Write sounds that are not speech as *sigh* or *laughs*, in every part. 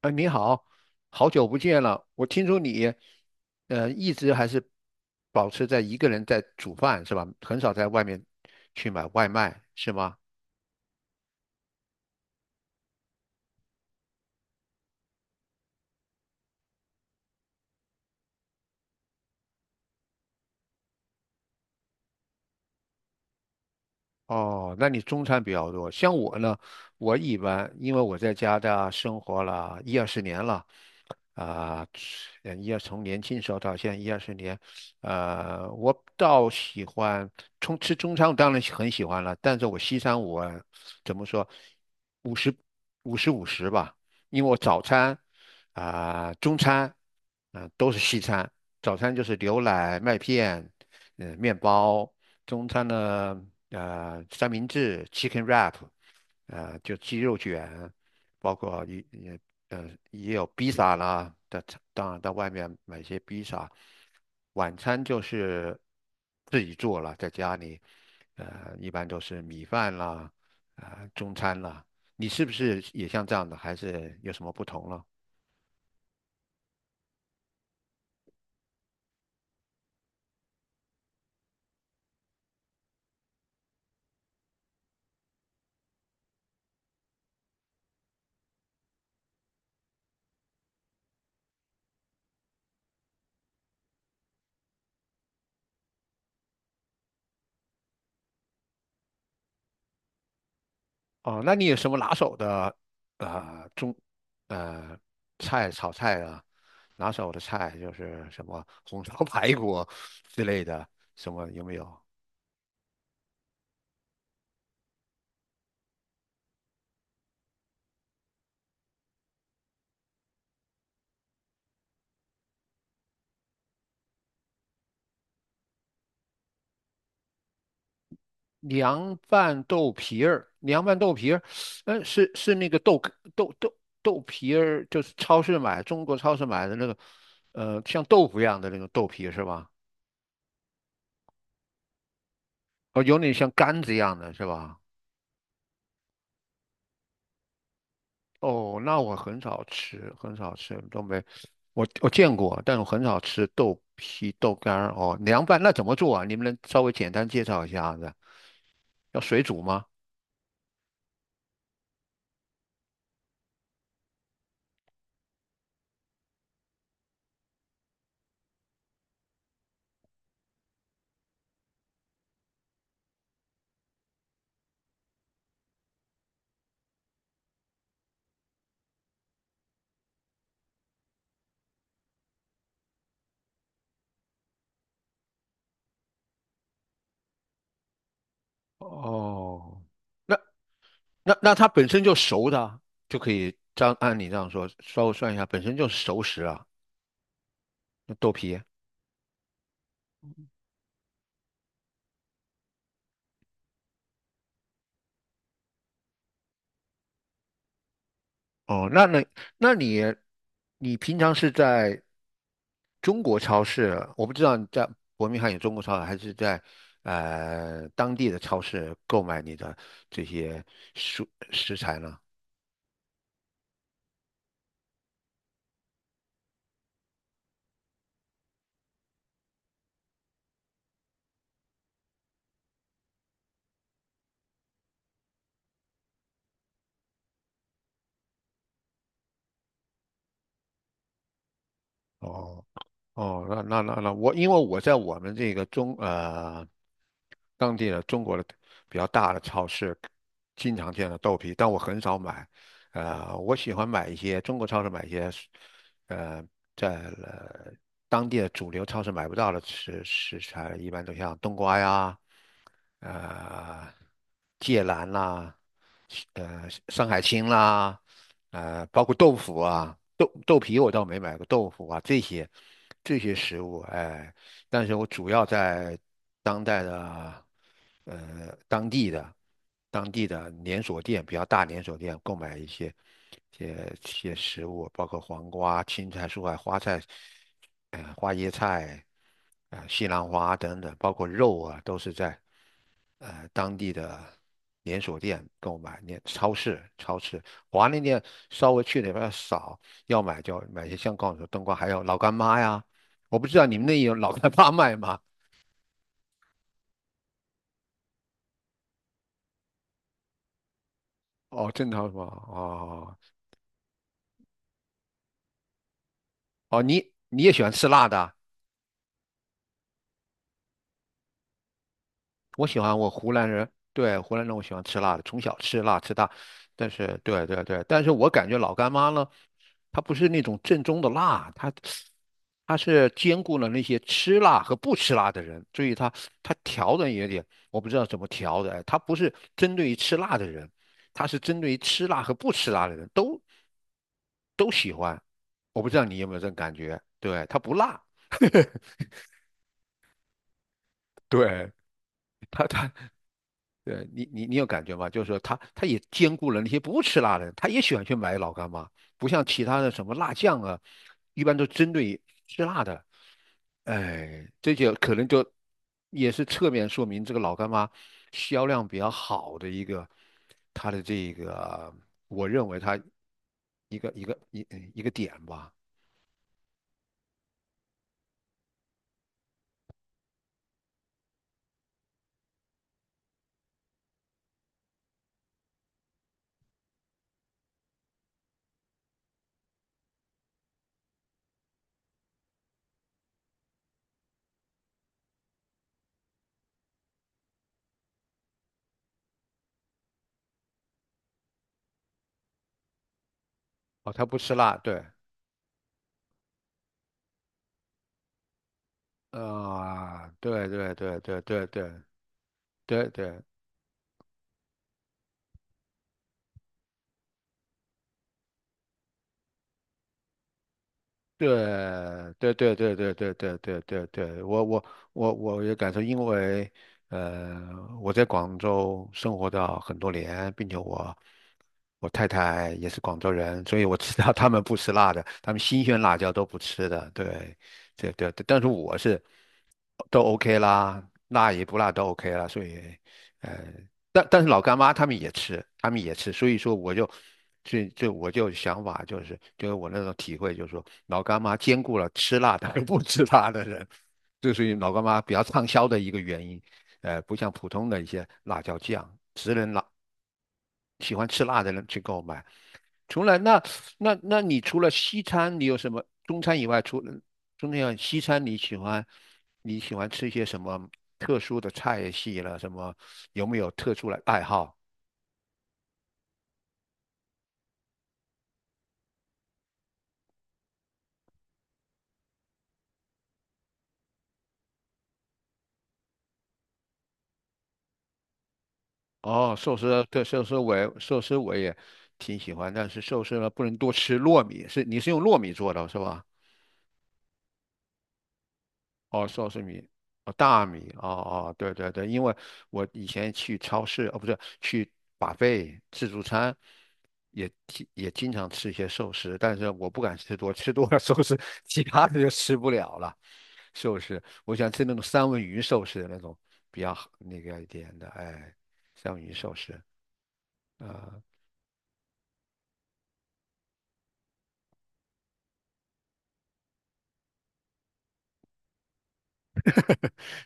哎，你好，好久不见了。我听说你，一直还是保持在一个人在煮饭是吧？很少在外面去买外卖是吗？哦，那你中餐比较多。像我呢，我一般因为我在加拿大生活了一二十年了，啊、一二从年轻时候到现在一二十年，我倒喜欢从吃中餐，我当然喜欢了，但是我西餐我怎么说，五十五十吧，因为我早餐、啊、中餐、啊、都是西餐，早餐就是牛奶麦片。面包，中餐呢，三明治（ （chicken wrap），就鸡肉卷，包括也有披萨啦，在当然到外面买些披萨。晚餐就是自己做了，在家里，一般都是米饭啦，啊、中餐啦。你是不是也像这样的，还是有什么不同了？哦，那你有什么拿手的呃中呃菜炒菜啊？拿手的菜就是什么红烧 *laughs* 排骨之类的，什么有没有？凉拌豆皮儿，凉拌豆皮儿，嗯，是那个豆干豆豆豆皮儿，就是超市买中国超市买的那个，像豆腐一样的那种豆皮是吧？哦，有点像干子一样的是吧？哦，那我很少吃，很少吃东北，我见过，但我很少吃豆皮、豆干儿哦。凉拌那怎么做啊？你们能稍微简单介绍一下子？要水煮吗？哦，那那它本身就熟的啊就可以这样按你这样说，稍微算一下，本身就是熟食啊，那豆皮。哦，那那那你你平常是在中国超市？我不知道你在伯明翰有中国超市，还是在当地的超市购买你的这些蔬食材呢？哦。哦，那那那那我，因为我在我们这个当地的中国的比较大的超市，经常见到豆皮，但我很少买。我喜欢买一些中国超市买一些，呃，在呃当地的主流超市买不到的材，一般都像冬瓜呀，呃，芥兰啦，山海青啦，包括豆腐啊，皮我倒没买过豆腐啊，这些食物，哎，但是我主要在当代的当地的当地的连锁店，比较大连锁店购买一些食物，包括黄瓜、青菜、蔬菜、花菜，花椰菜，啊、西兰花等等，包括肉啊，都是在。当地的连锁店购买，连超市超市华联店稍微去那边少，要买就买些像刚才说冬瓜，还有老干妈呀，我不知道你们那有老干妈卖吗？哦，正常是吧？哦哦，你你也喜欢吃辣的啊。我喜欢，我湖南人，对，湖南人我喜欢吃辣的，从小吃辣吃大。但是，对对对，但是我感觉老干妈呢，它不是那种正宗的辣，它是兼顾了那些吃辣和不吃辣的人，所以它它调的也点，我不知道怎么调的，哎它不是针对于吃辣的人，它是针对于吃辣和不吃辣的人都喜欢。我不知道你有没有这种感觉，对，它不辣，*laughs* 对。对你，你你有感觉吗？就是说他，他也兼顾了那些不吃辣的人，他也喜欢去买老干妈，不像其他的什么辣酱啊，一般都针对吃辣的。哎，这就可能就也是侧面说明这个老干妈销量比较好的一个，它的这个，我认为它一个一个一一个点吧。哦，他不吃辣，对，啊、对对对对对对对对对对对对对对对对对对，我我也感受，因为呃我在广州生活到很多年，并且我太太也是广州人，所以我知道 *laughs* 他们不吃辣的，他们新鲜辣椒都不吃的。对对对，但是我是都 OK 啦，辣与不辣都 OK 啦，所以呃但是老干妈他们也吃，他们也吃，所以说我就，这我就想法就是，就是我那种体会就是说，老干妈兼顾了吃辣的和不吃辣的人，这属于老干妈比较畅销的一个原因。不像普通的一些辣椒酱，只能辣喜欢吃辣的人去购买。除了那，那你除了西餐，你有什么中餐以外，除了中餐以外，西餐你喜欢吃一些什么特殊的菜系了？什么有没有特殊的爱好？哦，寿司，寿司我也挺喜欢，但是寿司呢不能多吃糯米，是你是用糯米做的是吧？哦，寿司米，哦大米，哦哦对对对，因为我以前去超市，哦不是去 buffet 自助餐，也经也经常吃一些寿司，但是我不敢吃多，吃多了寿司其他的就吃不了了。寿司，我想吃那种三文鱼寿司的那种比较好那个一点的，哎，三文鱼寿司啊。呃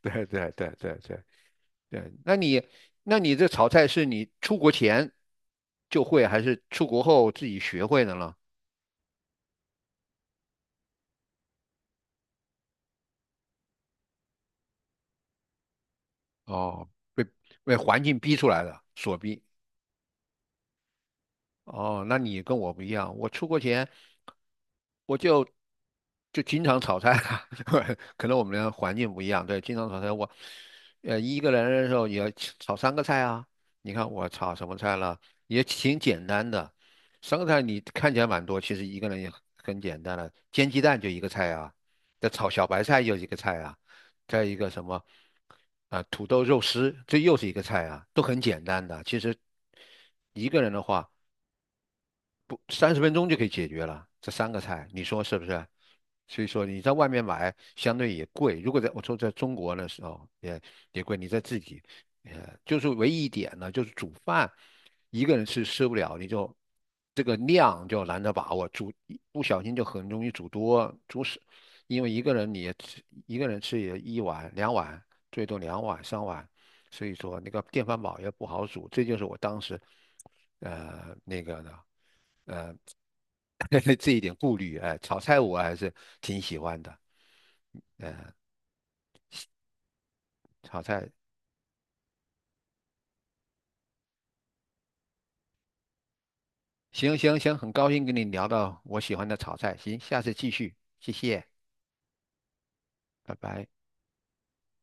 对对对对对对，那你那你这炒菜是你出国前就会，还是出国后自己学会的呢？哦，被被环境逼出来的，所逼。哦，那你跟我不一样，我出国前我就就经常炒菜啊，*laughs* 可能我们的环境不一样，对，经常炒菜。我一个人的时候也要炒三个菜啊，你看我炒什么菜了，也挺简单的，三个菜你看起来蛮多，其实一个人也很简单了，煎鸡蛋就一个菜啊，再炒小白菜又一个菜啊，再一个什么啊土豆肉丝，这又是一个菜啊，都很简单的，其实。一个人的话，不30分钟就可以解决了，这三个菜，你说是不是？所以说你在外面买相对也贵，如果在我说在中国的时候也贵，你在自己，就是唯一一点呢，就是煮饭一个人吃吃不了，你就这个量就难得把握，煮不小心就很容易煮多煮少，因为一个人你也吃一个人吃也一碗两碗，最多两碗三碗，所以说那个电饭煲也不好煮，这就是我当时那个呢。*laughs* 这一点顾虑，哎，炒菜我还是挺喜欢的。炒菜，行行行，很高兴跟你聊到我喜欢的炒菜，行，下次继续，谢谢，拜拜。